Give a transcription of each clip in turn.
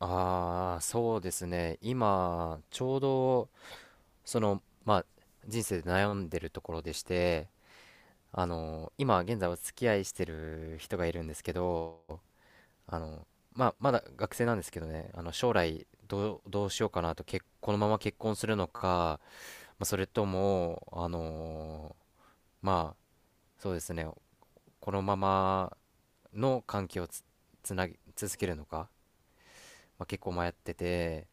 ああ、そうですね。今、ちょうど、まあ、人生で悩んでるところでして、今、現在お付き合いしてる人がいるんですけど、あの、まあ、まだ学生なんですけどね、将来、どうしようかなと、このまま結婚するのか、まあ、それとも、まあ、そうですね、このままの関係をつなぎ、続けるのか、まあ、結構迷ってて、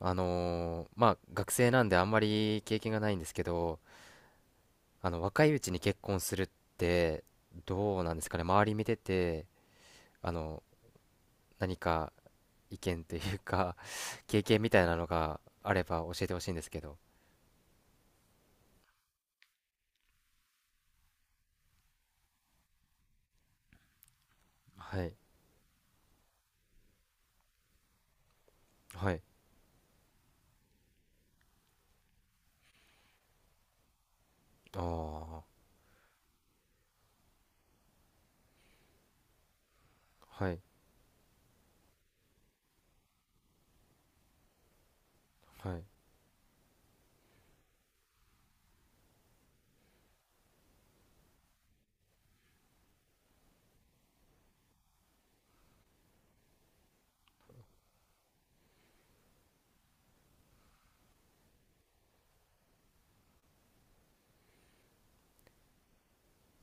まあ学生なんであんまり経験がないんですけど、若いうちに結婚するってどうなんですかね、周り見てて、あの何か意見というか 経験みたいなのがあれば教えてほしいんですけど。はい、はい、ああ、はい、はい。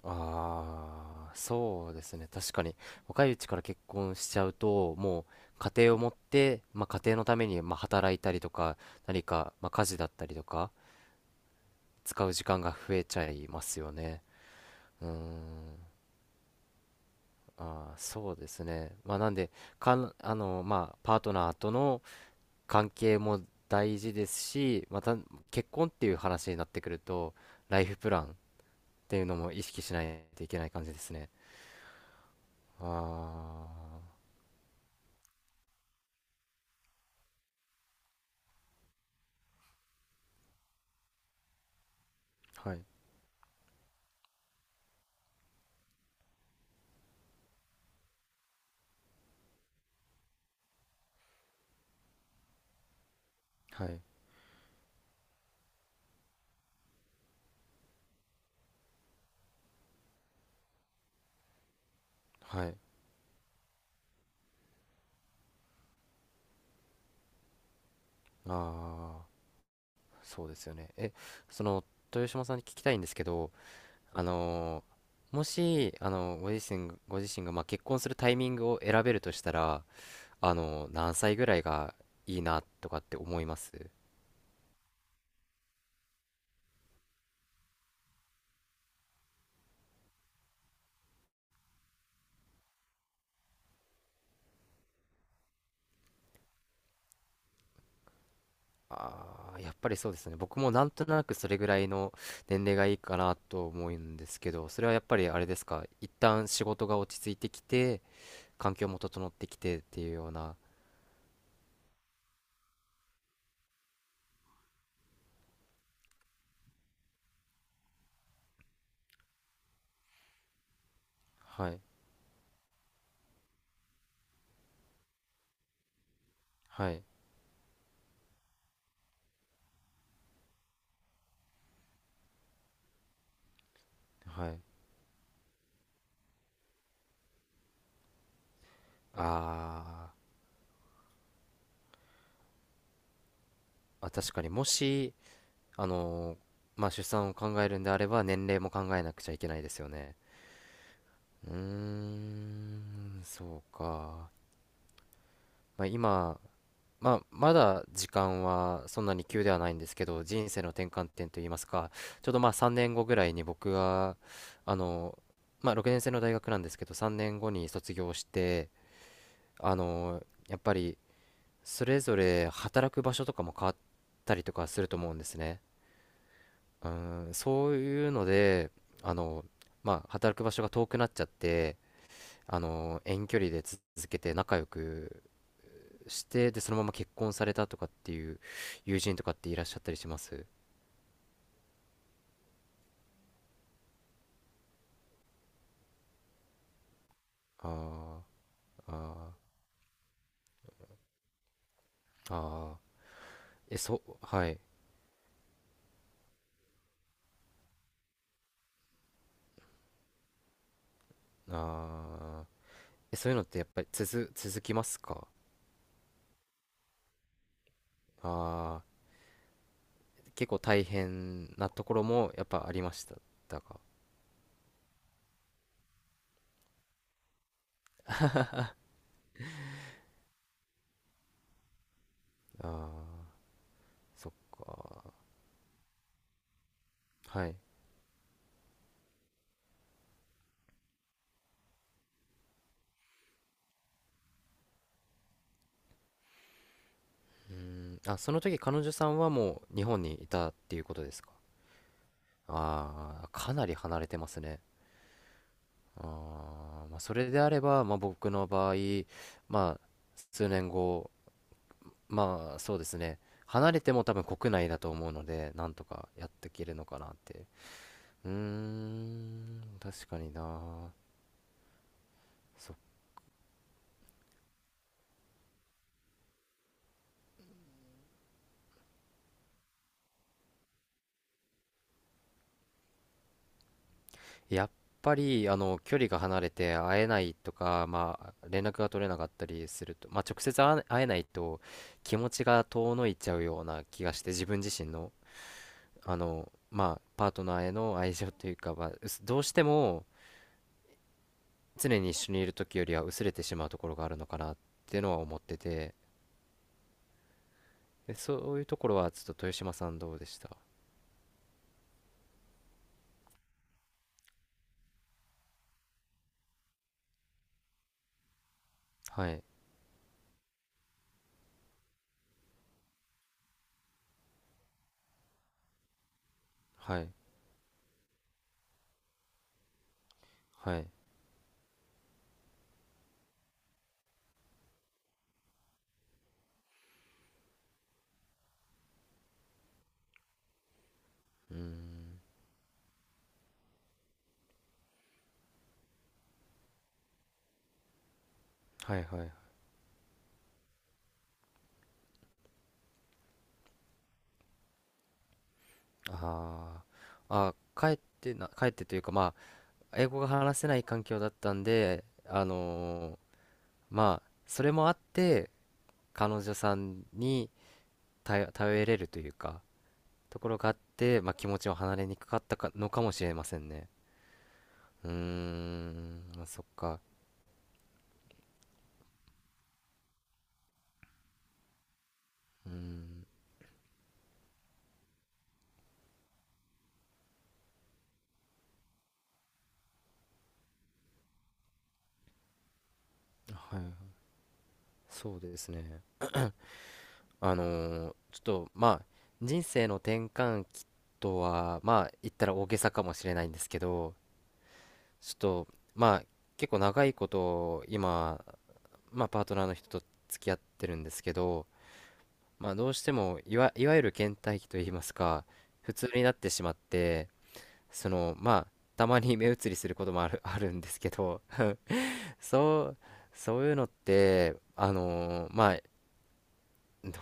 ああ、そうですね。確かに若いうちから結婚しちゃうと、もう家庭を持って、まあ、家庭のためにまあ働いたりとか、何かまあ家事だったりとか。使う時間が増えちゃいますよね。うーん、あーそうですね。まあ、なんで、まあ、パートナーとの関係も大事ですし、また結婚っていう話になってくると、ライフプランっていうのも意識しないといけない感じですね。ああ、はい、はい、はい。ああ、そうですよね。その、豊島さんに聞きたいんですけど、あのーもし、ご自身が、まあ、結婚するタイミングを選べるとしたら、何歳ぐらいがいいなとかって思います？あーやっぱりそうですね。僕もなんとなくそれぐらいの年齢がいいかなと思うんですけど、それはやっぱりあれですか、一旦仕事が落ち着いてきて、環境も整ってきてっていうような、はい、はい、はい。あーあ、確かにもし、あのーまあ出産を考えるんであれば年齢も考えなくちゃいけないですよね。うーん、そうか。まあ今、まあまだ時間はそんなに急ではないんですけど、人生の転換点といいますか、ちょうどまあ3年後ぐらいに僕が、あの、まあ6年生の大学なんですけど、3年後に卒業して、あの、やっぱりそれぞれ働く場所とかも変わったりとかすると思うんですね。うん、そういうので、あの、まあ、働く場所が遠くなっちゃって、遠距離で続けて仲良くして、で、そのまま結婚されたとかっていう友人とかっていらっしゃったりします？あーあー、あーはい、あーそういうのってやっぱり続きますか？あー結構大変なところもやっぱありましたか？あーそっか、はい。うーん、あ、その時彼女さんはもう日本にいたっていうことですか。ああー、かなり離れてますね。あーまあ、それであれば、まあ、僕の場合、まあ、数年後、まあ、そうですね。離れても多分国内だと思うので、なんとかやっていけるのかなって。うーん、確かにな。やっぱりあの距離が離れて会えないとか、まあ、連絡が取れなかったりすると、まあ、直接会えないと気持ちが遠のいちゃうような気がして自分自身の、まあ、パートナーへの愛情というか、まあ、どうしても常に一緒にいる時よりは薄れてしまうところがあるのかなっていうのは思ってて、でそういうところはちょっと豊島さんどうでした？はいはいはい、うんはいはい、あーあー、帰ってというかまあ英語が話せない環境だったんで、まあ、それもあって、彼女さんに頼れるというか、ところがあって、まあ、気持ちを離れにくかったかのかもしれませんね。うーん、まあ、そっか。うーん、はい、そうですね。あのちょっと、まあ、人生の転換期とは、まあ、言ったら大げさかもしれないんですけど、ちょっと、まあ、結構長いこと今まあ、パートナーの人と付き合ってるんですけど、まあ、どうしてもいわゆる倦怠期といいますか、普通になってしまって、まあたまに目移りすることもある、あるんですけど、そう、そういうのってまあ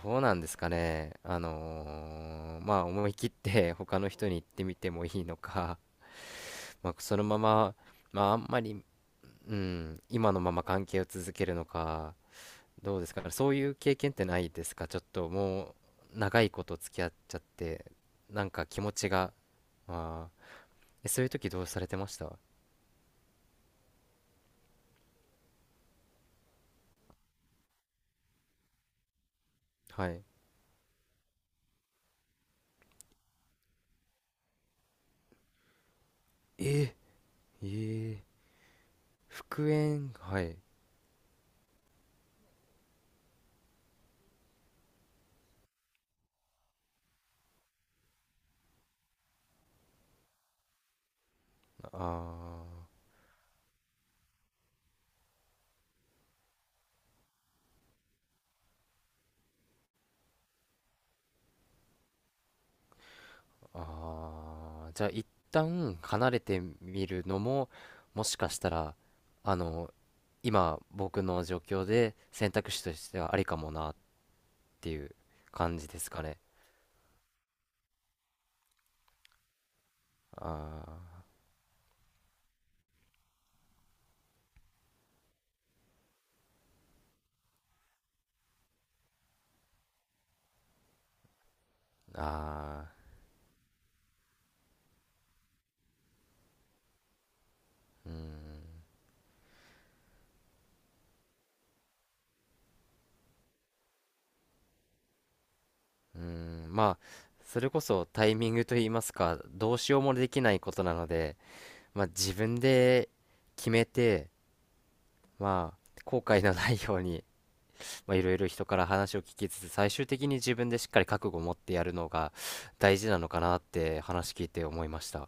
どうなんですかね、まあ思い切って 他の人に言ってみてもいいのか、まあ、そのまま、まあ、あんまり、うん、今のまま関係を続けるのか、どうですか？そういう経験ってないですか？ちょっともう長いこと付き合っちゃってなんか気持ちが、あーそういう時どうされてました？はい、ええー、復縁はい、あーあー、じゃあ一旦離れてみるのももしかしたらあの今僕の状況で選択肢としてはありかもなっていう感じですかね？あーあー、うーん、まあ、それこそタイミングといいますか、どうしようもできないことなので、まあ自分で決めて、まあ、後悔のないように、まあいろいろ人から話を聞きつつ、最終的に自分でしっかり覚悟を持ってやるのが大事なのかなって話聞いて思いました。